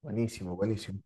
Buenísimo, buenísimo.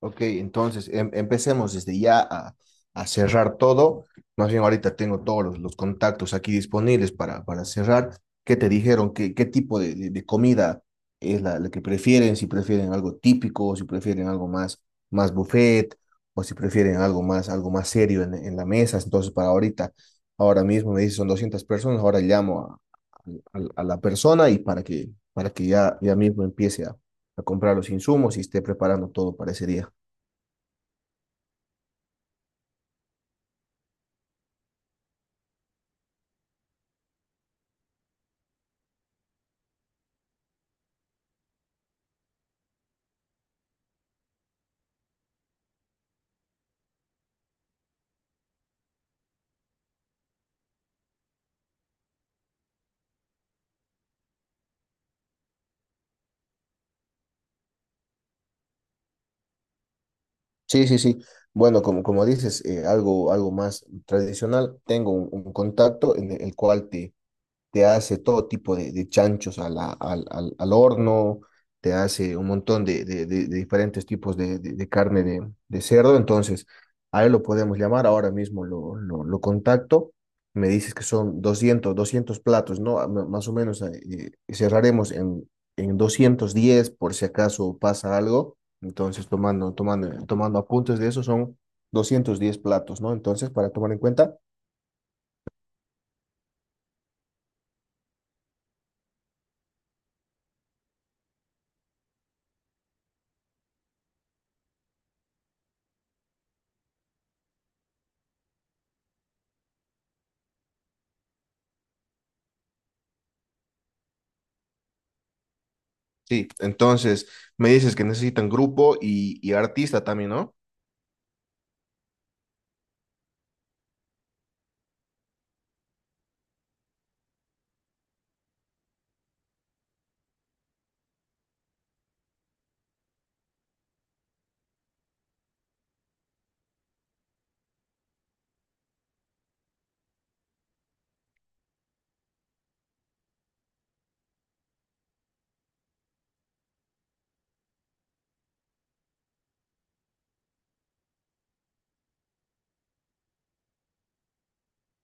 Ok, entonces empecemos desde ya a cerrar todo. Más bien ahorita tengo los contactos aquí disponibles para cerrar. ¿Qué te dijeron? ¿Qué tipo de comida es la que prefieren? Si prefieren algo típico, o si prefieren algo más, más buffet, o si prefieren algo más serio en la mesa. Entonces, para ahorita, ahora mismo me dice son 200 personas, ahora llamo a, a la persona y para que ya, ya mismo empiece a comprar los insumos y esté preparando todo para ese día. Sí, sí, sí. Bueno, como dices, algo más tradicional, tengo un contacto en el cual te, te hace todo tipo de chanchos a la- al, al, al horno, te hace un montón de diferentes tipos de carne de cerdo, entonces a él lo podemos llamar, ahora mismo lo contacto, me dices que son 200 platos, ¿no? Más o menos cerraremos en 210 por si acaso pasa algo, entonces tomando apuntes de eso son 210 platos, ¿no? Entonces, para tomar en cuenta. Sí, entonces me dices que necesitan grupo y artista también, ¿no?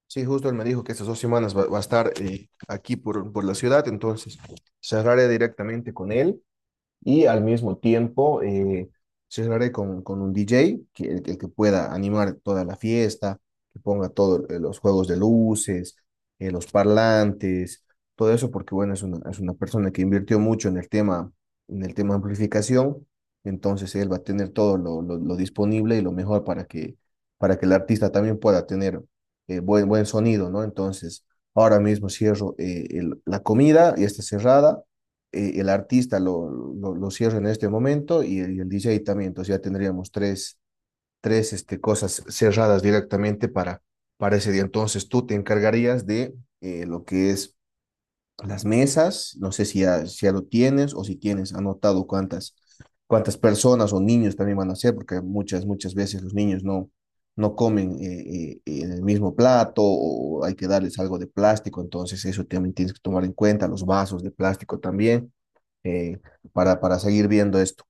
Sí, justo él me dijo que estas dos semanas va, va a estar aquí por la ciudad, entonces cerraré directamente con él y al mismo tiempo cerraré con un DJ, que, el que pueda animar toda la fiesta, que ponga todos los juegos de luces, los parlantes, todo eso, porque bueno, es una persona que invirtió mucho en el tema amplificación, entonces él va a tener todo lo disponible y lo mejor para que el artista también pueda tener buen sonido, ¿no? Entonces, ahora mismo cierro la comida y está cerrada, el artista cierra en este momento y el DJ también. Entonces ya tendríamos tres este, cosas cerradas directamente para ese día. Entonces tú te encargarías de lo que es las mesas. No sé si ya, si ya lo tienes o si tienes anotado cuántas, cuántas personas o niños también van a ser, porque muchas, muchas veces los niños no, no comen en el mismo plato o hay que darles algo de plástico, entonces eso también tienes que tomar en cuenta, los vasos de plástico también eh, para seguir viendo esto.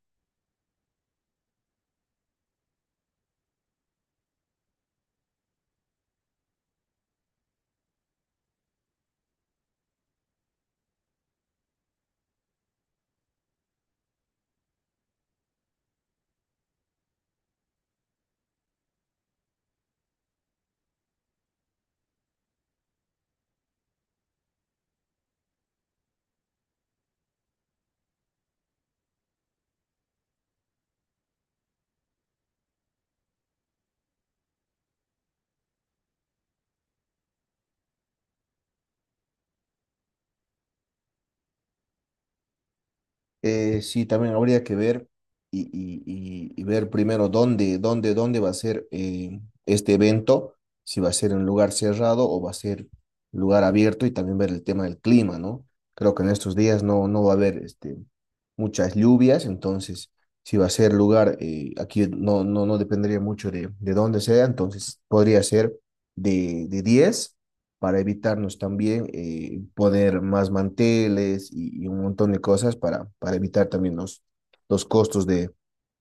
Sí, también habría que ver y ver primero dónde va a ser este evento, si va a ser en un lugar cerrado o va a ser lugar abierto y también ver el tema del clima, ¿no? Creo que en estos días no, no va a haber este, muchas lluvias, entonces si va a ser lugar, aquí no, no dependería mucho de dónde sea, entonces podría ser de 10 para evitarnos también poner más manteles y, un montón de cosas para evitar también los costos de,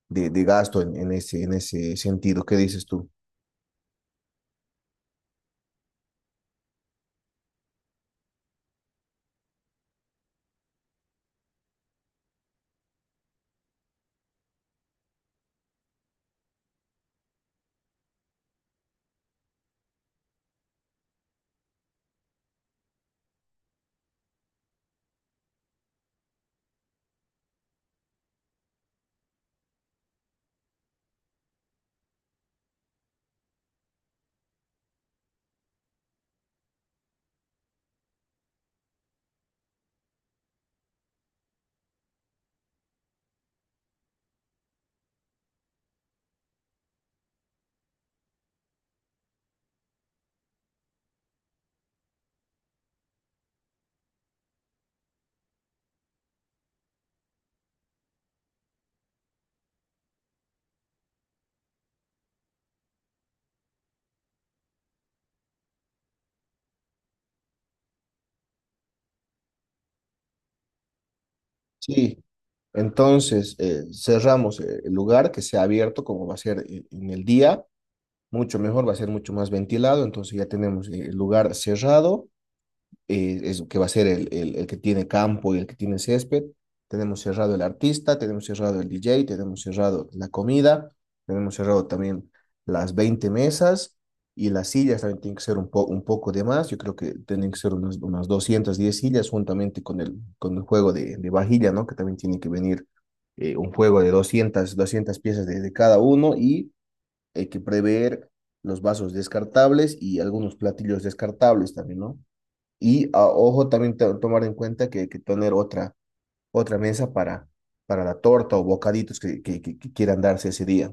de gasto en ese sentido. ¿Qué dices tú? Sí, entonces cerramos el lugar que sea abierto como va a ser en el día, mucho mejor, va a ser mucho más ventilado, entonces ya tenemos el lugar cerrado, es, que va a ser el que tiene campo y el que tiene césped. Tenemos cerrado el artista, tenemos cerrado el DJ, tenemos cerrado la comida, tenemos cerrado también las 20 mesas y las sillas también tienen que ser un poco de más. Yo creo que tienen que ser unas 210 sillas juntamente con el juego de vajilla, ¿no? Que también tiene que venir un juego de 200 piezas de cada uno y hay que prever los vasos descartables y algunos platillos descartables también, ¿no? Y ojo, también tomar en cuenta que tener otra, otra mesa para la torta o bocaditos que, que quieran darse ese día.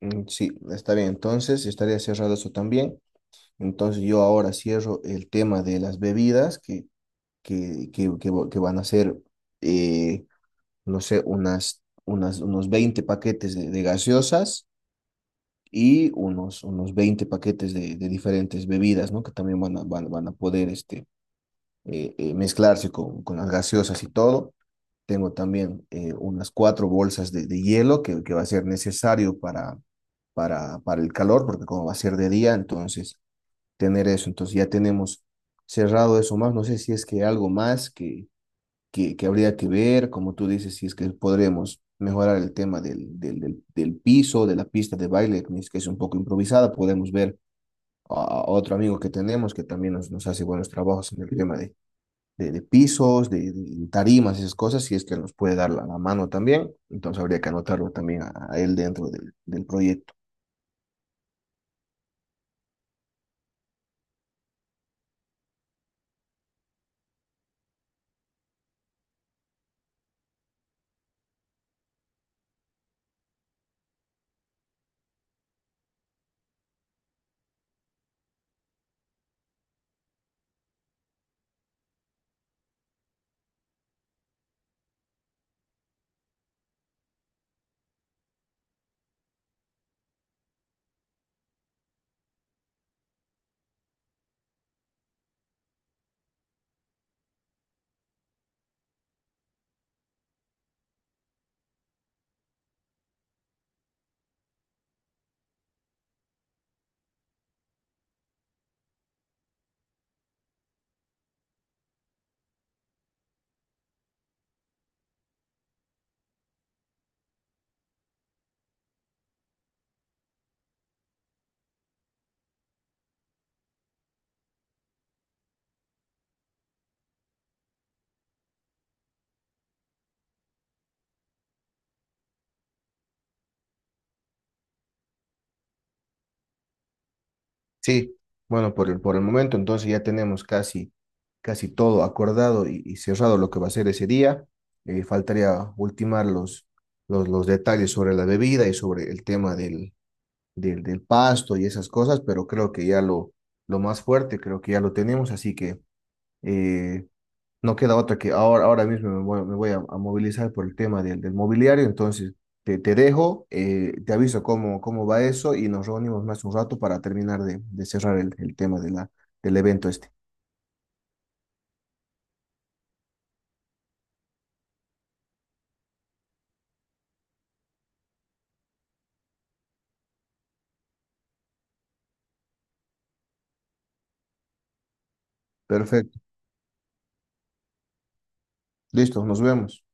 Mm, sí, está bien. Entonces, estaría cerrado eso también. Entonces, yo ahora cierro el tema de las bebidas que van a ser, eh, no sé, unos 20 paquetes de gaseosas y unos 20 paquetes de diferentes bebidas, ¿no? Que también van a poder este, mezclarse con las gaseosas y todo. Tengo también unas cuatro bolsas de hielo que va a ser necesario para el calor, porque como va a ser de día, entonces tener eso. Entonces ya tenemos cerrado eso más. No sé si es que algo más que habría que ver, como tú dices, si es que podremos mejorar el tema del piso, de la pista de baile, que es un poco improvisada. Podemos ver a otro amigo que tenemos que también nos, nos hace buenos trabajos en el tema de de pisos, de tarimas, esas cosas, si es que nos puede dar la, la mano también. Entonces habría que anotarlo también a él dentro del, del proyecto. Sí, bueno, por el momento entonces ya tenemos casi, casi todo acordado y cerrado lo que va a ser ese día. Faltaría ultimar los detalles sobre la bebida y sobre el tema del pasto y esas cosas, pero creo que ya lo más fuerte, creo que ya lo tenemos, así que... Eh, no queda otra que ahora, ahora mismo me voy a movilizar por el tema del, del mobiliario, entonces te dejo, te aviso cómo, cómo va eso y nos reunimos más un rato para terminar de cerrar el tema de del evento este. Perfecto, listo, nos vemos.